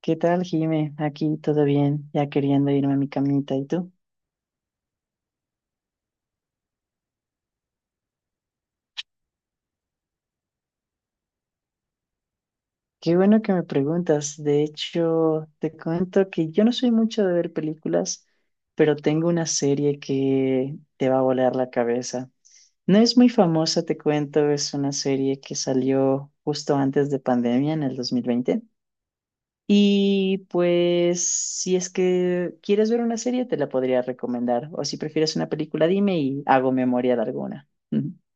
¿Qué tal, Jime? Aquí todo bien, ya queriendo irme a mi camita. ¿Y tú? Qué bueno que me preguntas. De hecho, te cuento que yo no soy mucho de ver películas, pero tengo una serie que te va a volar la cabeza. No es muy famosa, te cuento, es una serie que salió justo antes de pandemia, en el 2020. Y pues, si es que quieres ver una serie, te la podría recomendar. O si prefieres una película, dime y hago memoria de alguna.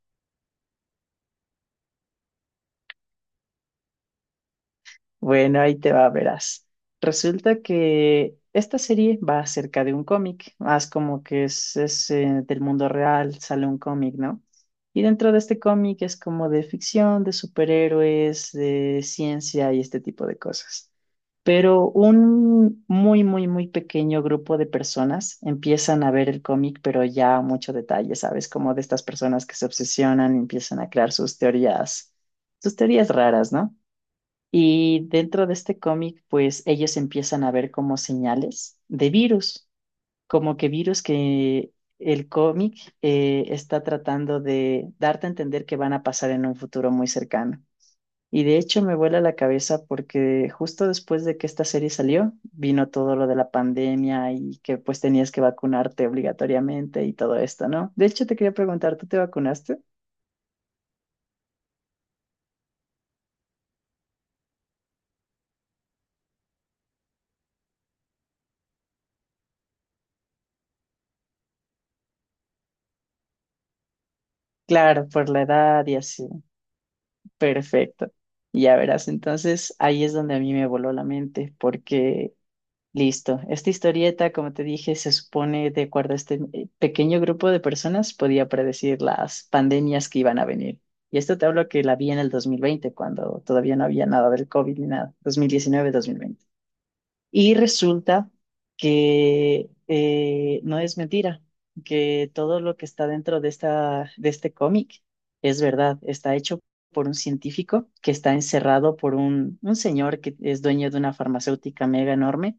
Bueno, ahí te va, verás. Resulta que esta serie va acerca de un cómic, más como que es, del mundo real, sale un cómic, ¿no? Y dentro de este cómic es como de ficción, de superhéroes, de ciencia y este tipo de cosas. Pero un muy, muy, muy pequeño grupo de personas empiezan a ver el cómic, pero ya a mucho detalle, ¿sabes? Como de estas personas que se obsesionan, empiezan a crear sus teorías raras, ¿no? Y dentro de este cómic, pues ellos empiezan a ver como señales de virus, como que virus que el cómic está tratando de darte a entender que van a pasar en un futuro muy cercano. Y de hecho me vuela la cabeza porque justo después de que esta serie salió, vino todo lo de la pandemia y que pues tenías que vacunarte obligatoriamente y todo esto, ¿no? De hecho te quería preguntar, ¿tú te vacunaste? Claro, por la edad y así. Perfecto. Ya verás, entonces ahí es donde a mí me voló la mente, porque listo, esta historieta, como te dije, se supone, de acuerdo a este pequeño grupo de personas, podía predecir las pandemias que iban a venir. Y esto te hablo que la vi en el 2020 cuando todavía no había nada del COVID ni nada, dos mil diecinueve, mil veinte. Y resulta que no es mentira, que todo lo que está dentro de este cómic es verdad. Está hecho por un científico que está encerrado por un señor que es dueño de una farmacéutica mega enorme.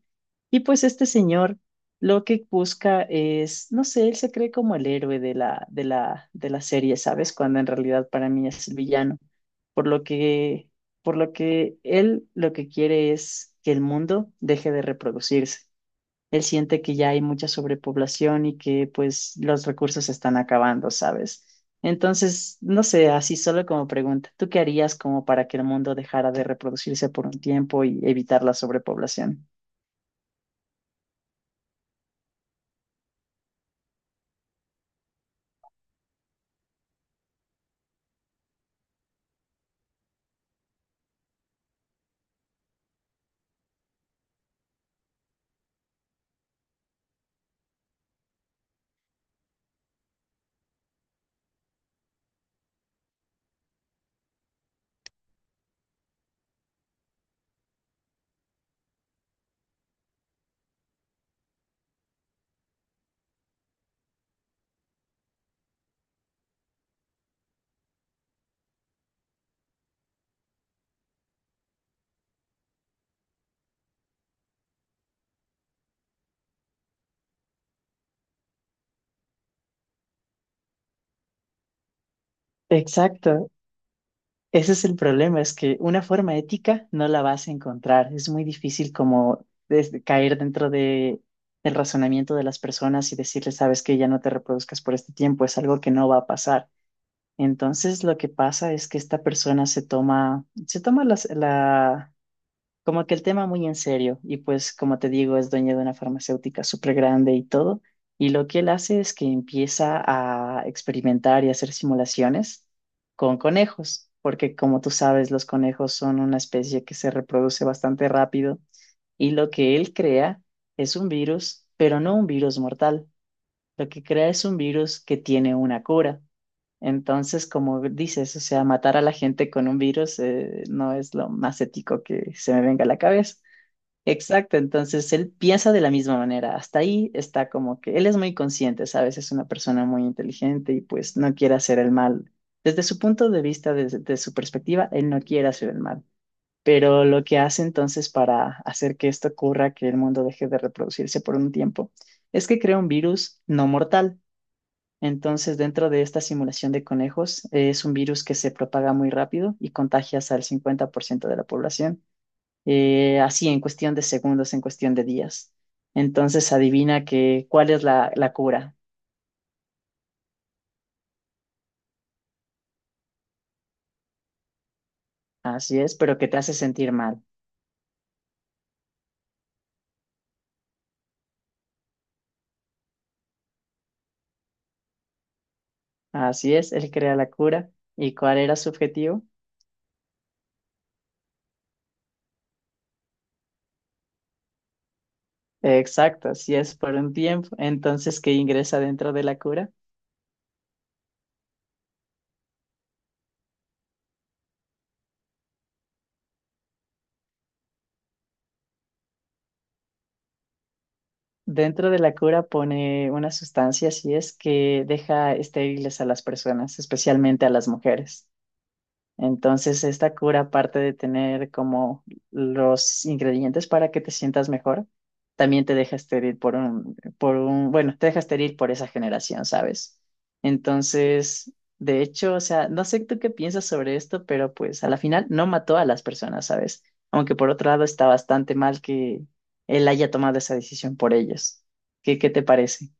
Y pues este señor lo que busca es, no sé, él se cree como el héroe de la serie, ¿sabes? Cuando en realidad para mí es el villano. Por lo que por lo que él lo que quiere es que el mundo deje de reproducirse. Él siente que ya hay mucha sobrepoblación y que pues los recursos se están acabando, ¿sabes? Entonces, no sé, así solo como pregunta, ¿tú qué harías como para que el mundo dejara de reproducirse por un tiempo y evitar la sobrepoblación? Exacto. Ese es el problema, es que una forma ética no la vas a encontrar. Es muy difícil como desde caer dentro de, del razonamiento de las personas y decirles, sabes que ya no te reproduzcas por este tiempo, es algo que no va a pasar. Entonces lo que pasa es que esta persona se toma la, como que el tema muy en serio y pues como te digo es dueño de una farmacéutica súper grande y todo y lo que él hace es que empieza a experimentar y hacer simulaciones con conejos porque como tú sabes los conejos son una especie que se reproduce bastante rápido y lo que él crea es un virus pero no un virus mortal, lo que crea es un virus que tiene una cura. Entonces, como dices, o sea, matar a la gente con un virus no es lo más ético que se me venga a la cabeza. Exacto, entonces él piensa de la misma manera. Hasta ahí está como que él es muy consciente, ¿sabes? Es una persona muy inteligente y pues no quiere hacer el mal. Desde su punto de vista, desde, desde su perspectiva, él no quiere hacer el mal. Pero lo que hace entonces para hacer que esto ocurra, que el mundo deje de reproducirse por un tiempo, es que crea un virus no mortal. Entonces, dentro de esta simulación de conejos, es un virus que se propaga muy rápido y contagia hasta el 50% de la población así en cuestión de segundos, en cuestión de días. Entonces adivina que cuál es la, la cura. Así es, pero que te hace sentir mal. Así es, él crea la cura. ¿Y cuál era su objetivo? Exacto, si es por un tiempo. Entonces, ¿qué ingresa dentro de la cura? Dentro de la cura pone una sustancia, así es, que deja estériles a las personas, especialmente a las mujeres. Entonces, esta cura, aparte de tener como los ingredientes para que te sientas mejor, también te deja estéril por un, bueno, te deja estéril por esa generación, ¿sabes? Entonces, de hecho, o sea, no sé tú qué piensas sobre esto, pero pues a la final no mató a las personas, ¿sabes? Aunque por otro lado está bastante mal que él haya tomado esa decisión por ellos. ¿Qué, qué te parece?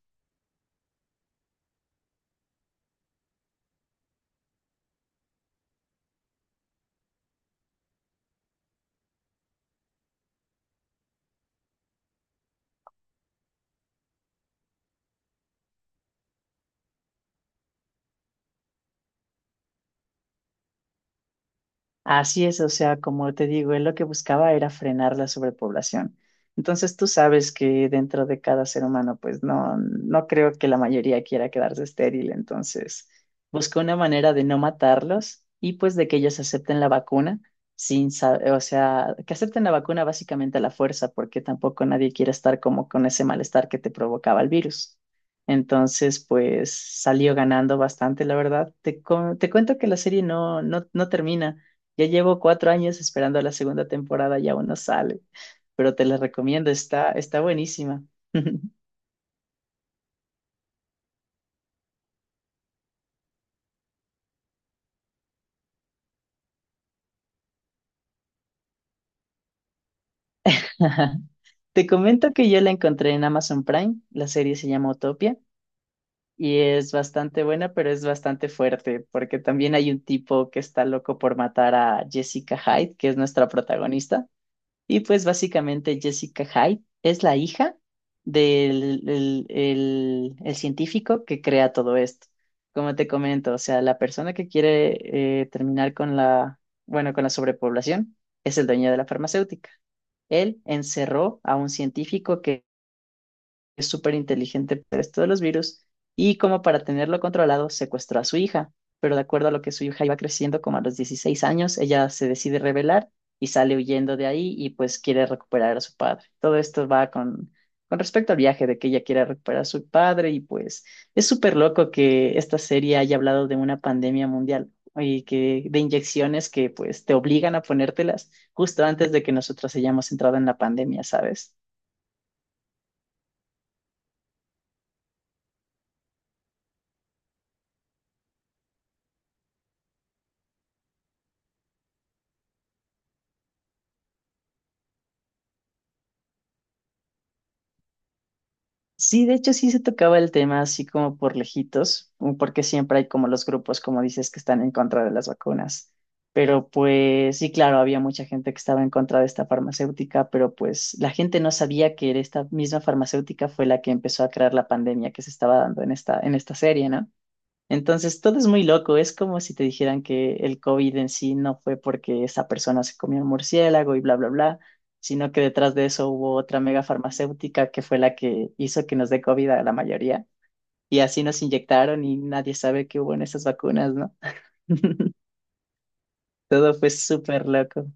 Así es, o sea, como te digo, él lo que buscaba era frenar la sobrepoblación. Entonces tú sabes que dentro de cada ser humano, pues no creo que la mayoría quiera quedarse estéril. Entonces buscó una manera de no matarlos y pues de que ellos acepten la vacuna sin, sa- o sea, que acepten la vacuna básicamente a la fuerza, porque tampoco nadie quiere estar como con ese malestar que te provocaba el virus. Entonces, pues salió ganando bastante, la verdad. Te cuento que la serie no termina. Ya llevo 4 años esperando la segunda temporada y aún no sale, pero te la recomiendo, está buenísima. Te comento que yo la encontré en Amazon Prime, la serie se llama Utopia y es bastante buena, pero es bastante fuerte, porque también hay un tipo que está loco por matar a Jessica Hyde, que es nuestra protagonista. Y pues básicamente Jessica Hyde es la hija del el científico que crea todo esto. Como te comento, o sea, la persona que quiere terminar con la, bueno, con la sobrepoblación es el dueño de la farmacéutica. Él encerró a un científico que es súper inteligente para esto de los virus y como para tenerlo controlado secuestró a su hija, pero de acuerdo a lo que su hija iba creciendo, como a los 16 años, ella se decide rebelar y sale huyendo de ahí y pues quiere recuperar a su padre. Todo esto va con respecto al viaje de que ella quiere recuperar a su padre y pues es súper loco que esta serie haya hablado de una pandemia mundial y que de inyecciones que pues te obligan a ponértelas justo antes de que nosotros hayamos entrado en la pandemia, ¿sabes? Sí, de hecho sí se tocaba el tema así como por lejitos, porque siempre hay como los grupos, como dices, que están en contra de las vacunas. Pero pues sí, claro, había mucha gente que estaba en contra de esta farmacéutica, pero pues la gente no sabía que era esta misma farmacéutica fue la que empezó a crear la pandemia que se estaba dando en esta serie, ¿no? Entonces, todo es muy loco. Es como si te dijeran que el COVID en sí no fue porque esa persona se comió un murciélago y bla, bla, bla, sino que detrás de eso hubo otra mega farmacéutica que fue la que hizo que nos dé COVID a la mayoría. Y así nos inyectaron y nadie sabe qué hubo en esas vacunas, ¿no? Todo fue súper loco.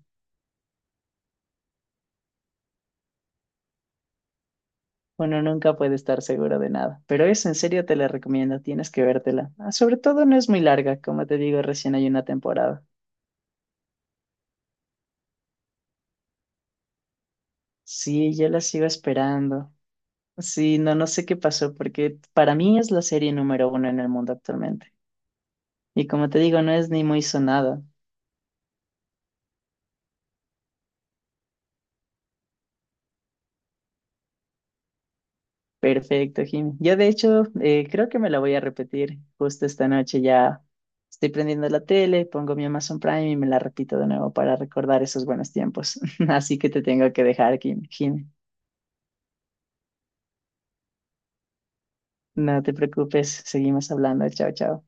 Uno nunca puede estar seguro de nada. Pero eso en serio te la recomiendo. Tienes que vértela. Ah, sobre todo no es muy larga. Como te digo, recién hay una temporada. Sí, yo la sigo esperando. Sí, no, no sé qué pasó, porque para mí es la serie número 1 en el mundo actualmente. Y como te digo, no es ni muy sonada. Perfecto, Jimmy. Yo de hecho creo que me la voy a repetir justo esta noche. Ya estoy prendiendo la tele, pongo mi Amazon Prime y me la repito de nuevo para recordar esos buenos tiempos. Así que te tengo que dejar, Jimmy. No te preocupes, seguimos hablando. Chao, chao.